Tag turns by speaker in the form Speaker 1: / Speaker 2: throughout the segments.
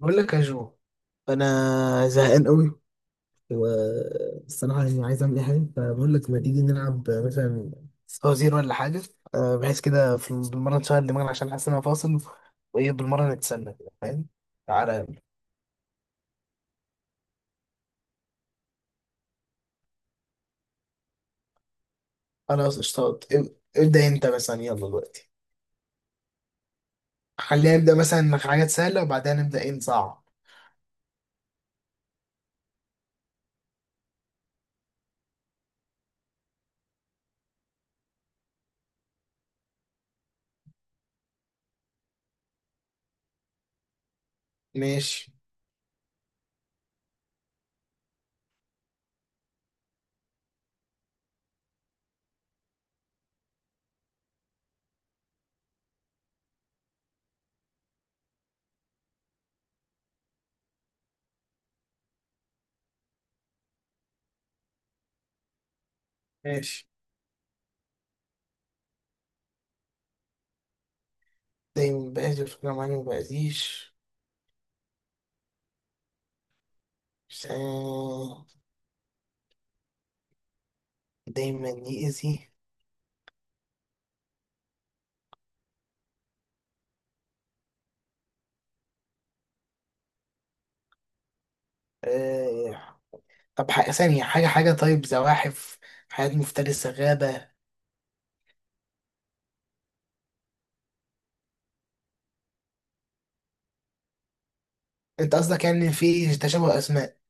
Speaker 1: بقول لك يا جو، انا زهقان قوي، والصراحه عايز اعمل اي حاجه. فبقول لك ما تيجي نلعب مثلا فوازير ولا حاجه؟ آه، بحيث كده في بالمره نشغل دماغنا عشان حاسس ان انا فاصل، وايه بالمره نتسنى كده فاهم. تعالى. خلاص اشتاط. ابدا انت مثلا، يلا دلوقتي. خلينا نبدا مثلا حاجات سهله، وبعدها نبدا ايه نصعب. ماشي. ماشي. دايما بأذي، فكرة معايا ما بأذيش. آه، دايما يأذي. طب حاجة ثانية، حاجة طيب زواحف، حياة مفترسة، غابة. انت قصدك إن في تشابه اسماء؟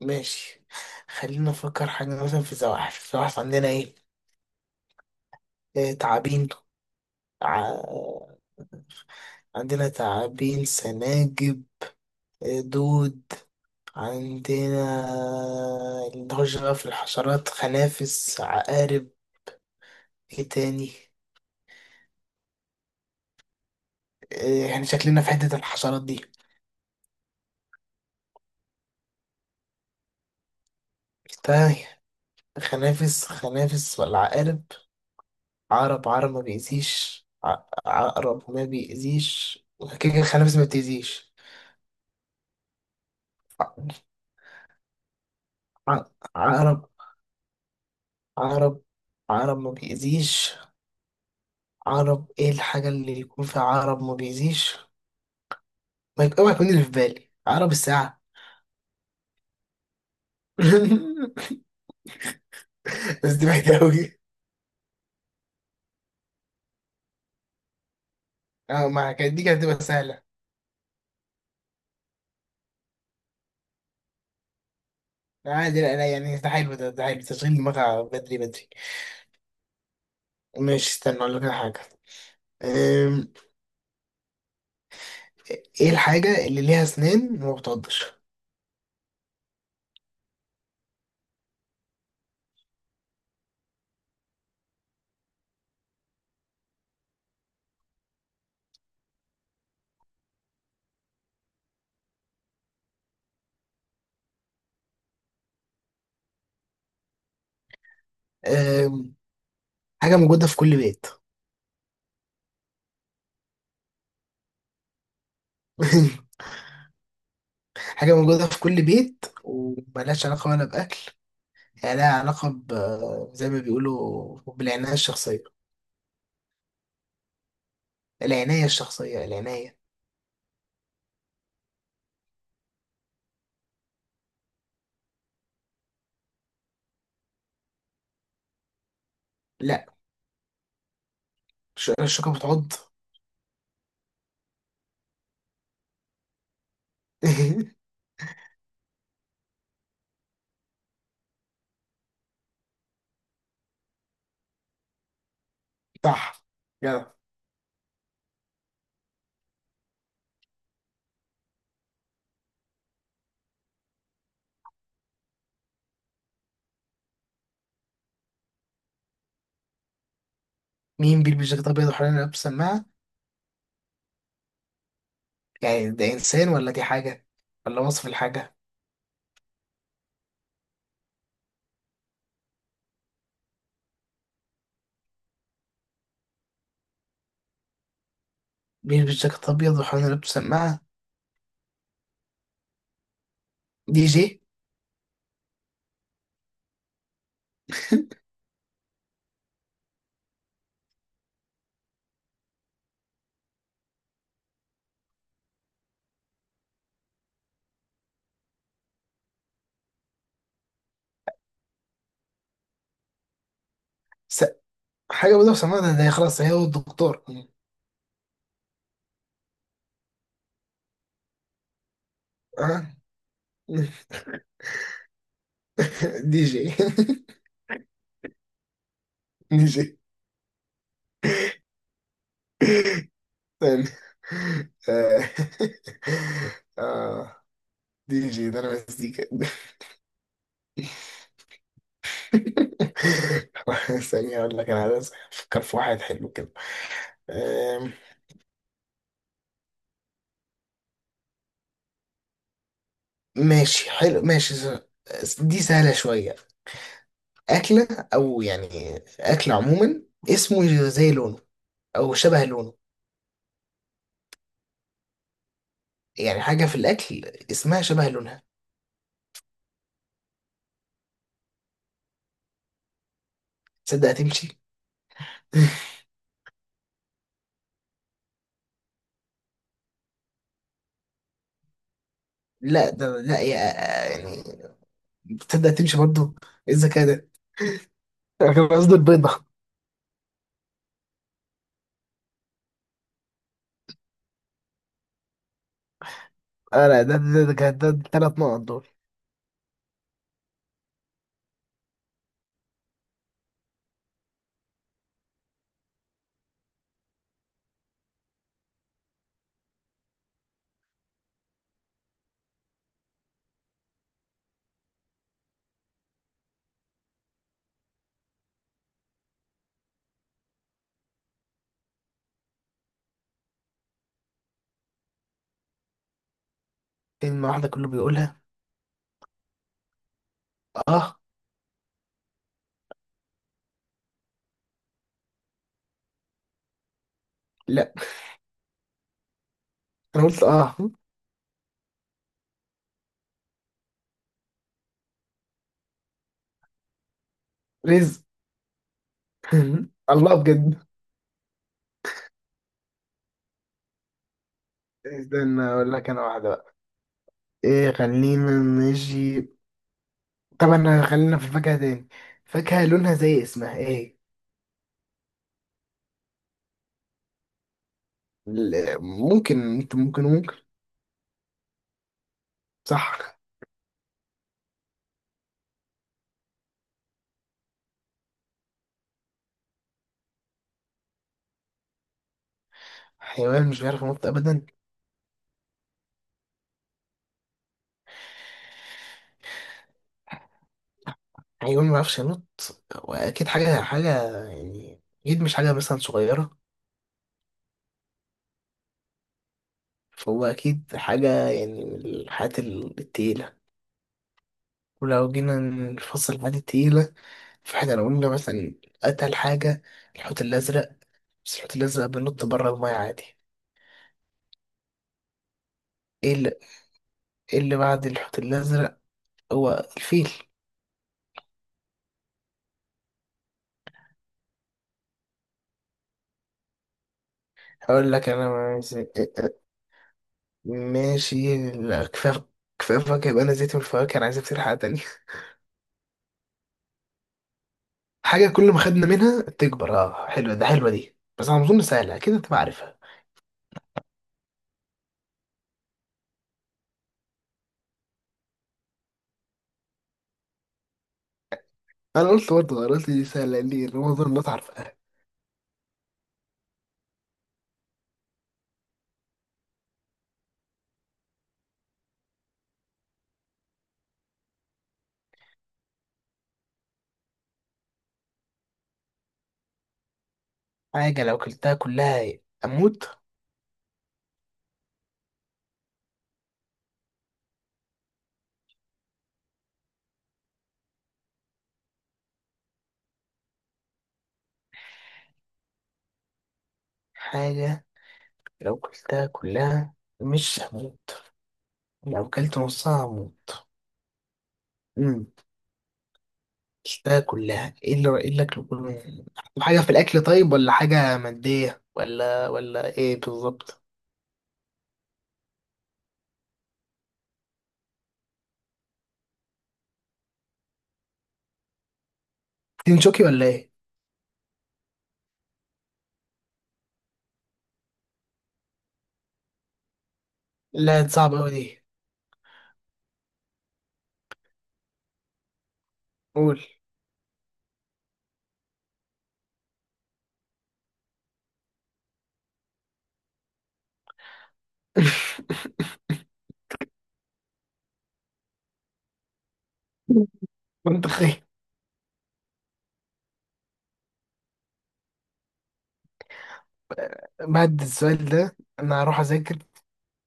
Speaker 1: ماشي. خلينا نفكر حاجة مثلا. في الزواحف عندنا ايه؟ آه، تعابين. ع- عندنا تعابين، سناجب، آه، دود عندنا. نخش بقى في الحشرات: خنافس، عقارب. ايه تاني؟ آه، احنا شكلنا في حتة الحشرات دي. طيب خنافس، خنافس ولا عقارب؟ عقرب، عقرب ما بيأذيش. عقرب ما بيأذيش. كده كده الخنافس ما بتأذيش. ع- ع- عقرب، عقرب عقرب ما بيأذيش. عقرب، ايه الحاجة اللي يكون فيها عقرب ما بيأذيش؟ ما يبقى ما يكون اللي في بالي عقرب الساعة. بس دي بعيدة أوي. اه ما كانت دي كانت هتبقى سهلة. عادي، لا لا، ده حلو، ده حلو، تشغيل دماغها بدري بدري. ماشي، استنى أقول لك على حاجة. أم، ايه الحاجة اللي ليها أسنان وما بتعضش؟ حاجة موجودة في كل بيت. حاجة موجودة في كل بيت وملهاش علاقة ولا بأكل. يعني لها علاقة ب زي ما بيقولوا بالعناية الشخصية، العناية الشخصية، العناية. لا، مش الشوكة بتعض. صح، جدع. مين بيلبس جاكيت أبيض وحوالين رقبته سماعة؟ يعني ده إنسان ولا دي حاجة، ولا وصف الحاجة؟ بيلبس جاكيت أبيض وحوالين رقبته سماعة. دي جي. س... حاجة بيضة وسماعة، ده ده خلاص هي والدكتور. أه؟ دي جي. دي جي. استنى. آه. آه. دي جي ده انا مزيكا. ثانية اقول لك، انا عايز افكر في واحد حلو كده. آم، ماشي حلو، ماشي. دي سهلة شوية. أكلة، أو أكل عموما، اسمه زي لونه، أو شبه لونه. يعني حاجة في الأكل اسمها شبه لونها. تصدق هتمشي. لا ده لا يا، يعني. تصدق هتمشي برضه؟ إيه الذكاء ده! أنا كان قصدي البيضة. اه لا، ده التلات نقط دول. كلمة واحدة كله بيقولها. اه، لا انا قلت اه. رزق. الله بجد. استنى اقول لك انا واحدة بقى. ايه، خلينا نجي، طبعا خلينا في الفاكهة تاني. فاكهة لونها زي اسمها، ايه؟ ممكن انت، ممكن. صح. حيوان مش بيعرف ينط ابدا. حيوان ما بيعرفش ينط، واكيد حاجة، يعني اكيد مش حاجة مثلا صغيرة. فهو اكيد حاجة يعني من الحاجات التقيلة. ولو جينا نفصل الحاجات التقيلة، فاحنا لو قلنا مثلا أتقل حاجة، الحوت الأزرق. بس الحوت الأزرق بينط بره المية عادي. ايه اللي, إيه اللي بعد الحوت الأزرق؟ هو الفيل. هقول لك أنا. عايز ماشي، لا، كفاية. كفاية فاكهة، يبقى أنا زيت من الفواكه. أنا عايز أفتكر حاجة تانية. حاجة كل ما خدنا منها تكبر. اه حلوة، حلوة دي، بس أنا أظن سهلة، أكيد أنت عارفها. أنا قلت برضه، أنا قلت دي سهلة ليه؟ أنا أظن الناس عارفاها. حاجة لو كلتها كلها أموت. حاجة لو كلتها كلها مش هموت، لو كلت نصها هموت. امم، كلتها كلها، ايه اللي اكله كله؟ حاجه في الاكل طيب، ولا حاجه ماديه، ولا ايه بالظبط؟ تنشوكي ولا ايه؟ لا دي صعبه قوي دي. قول. وانت خايف. بعد السؤال ده انا هروح اذاكر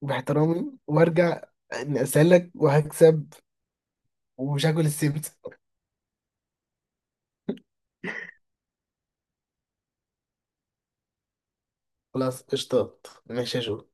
Speaker 1: باحترامي وارجع، إني اسالك وهكسب ومش هاكل السبت. خلاص قشطات، ماشي يا جو.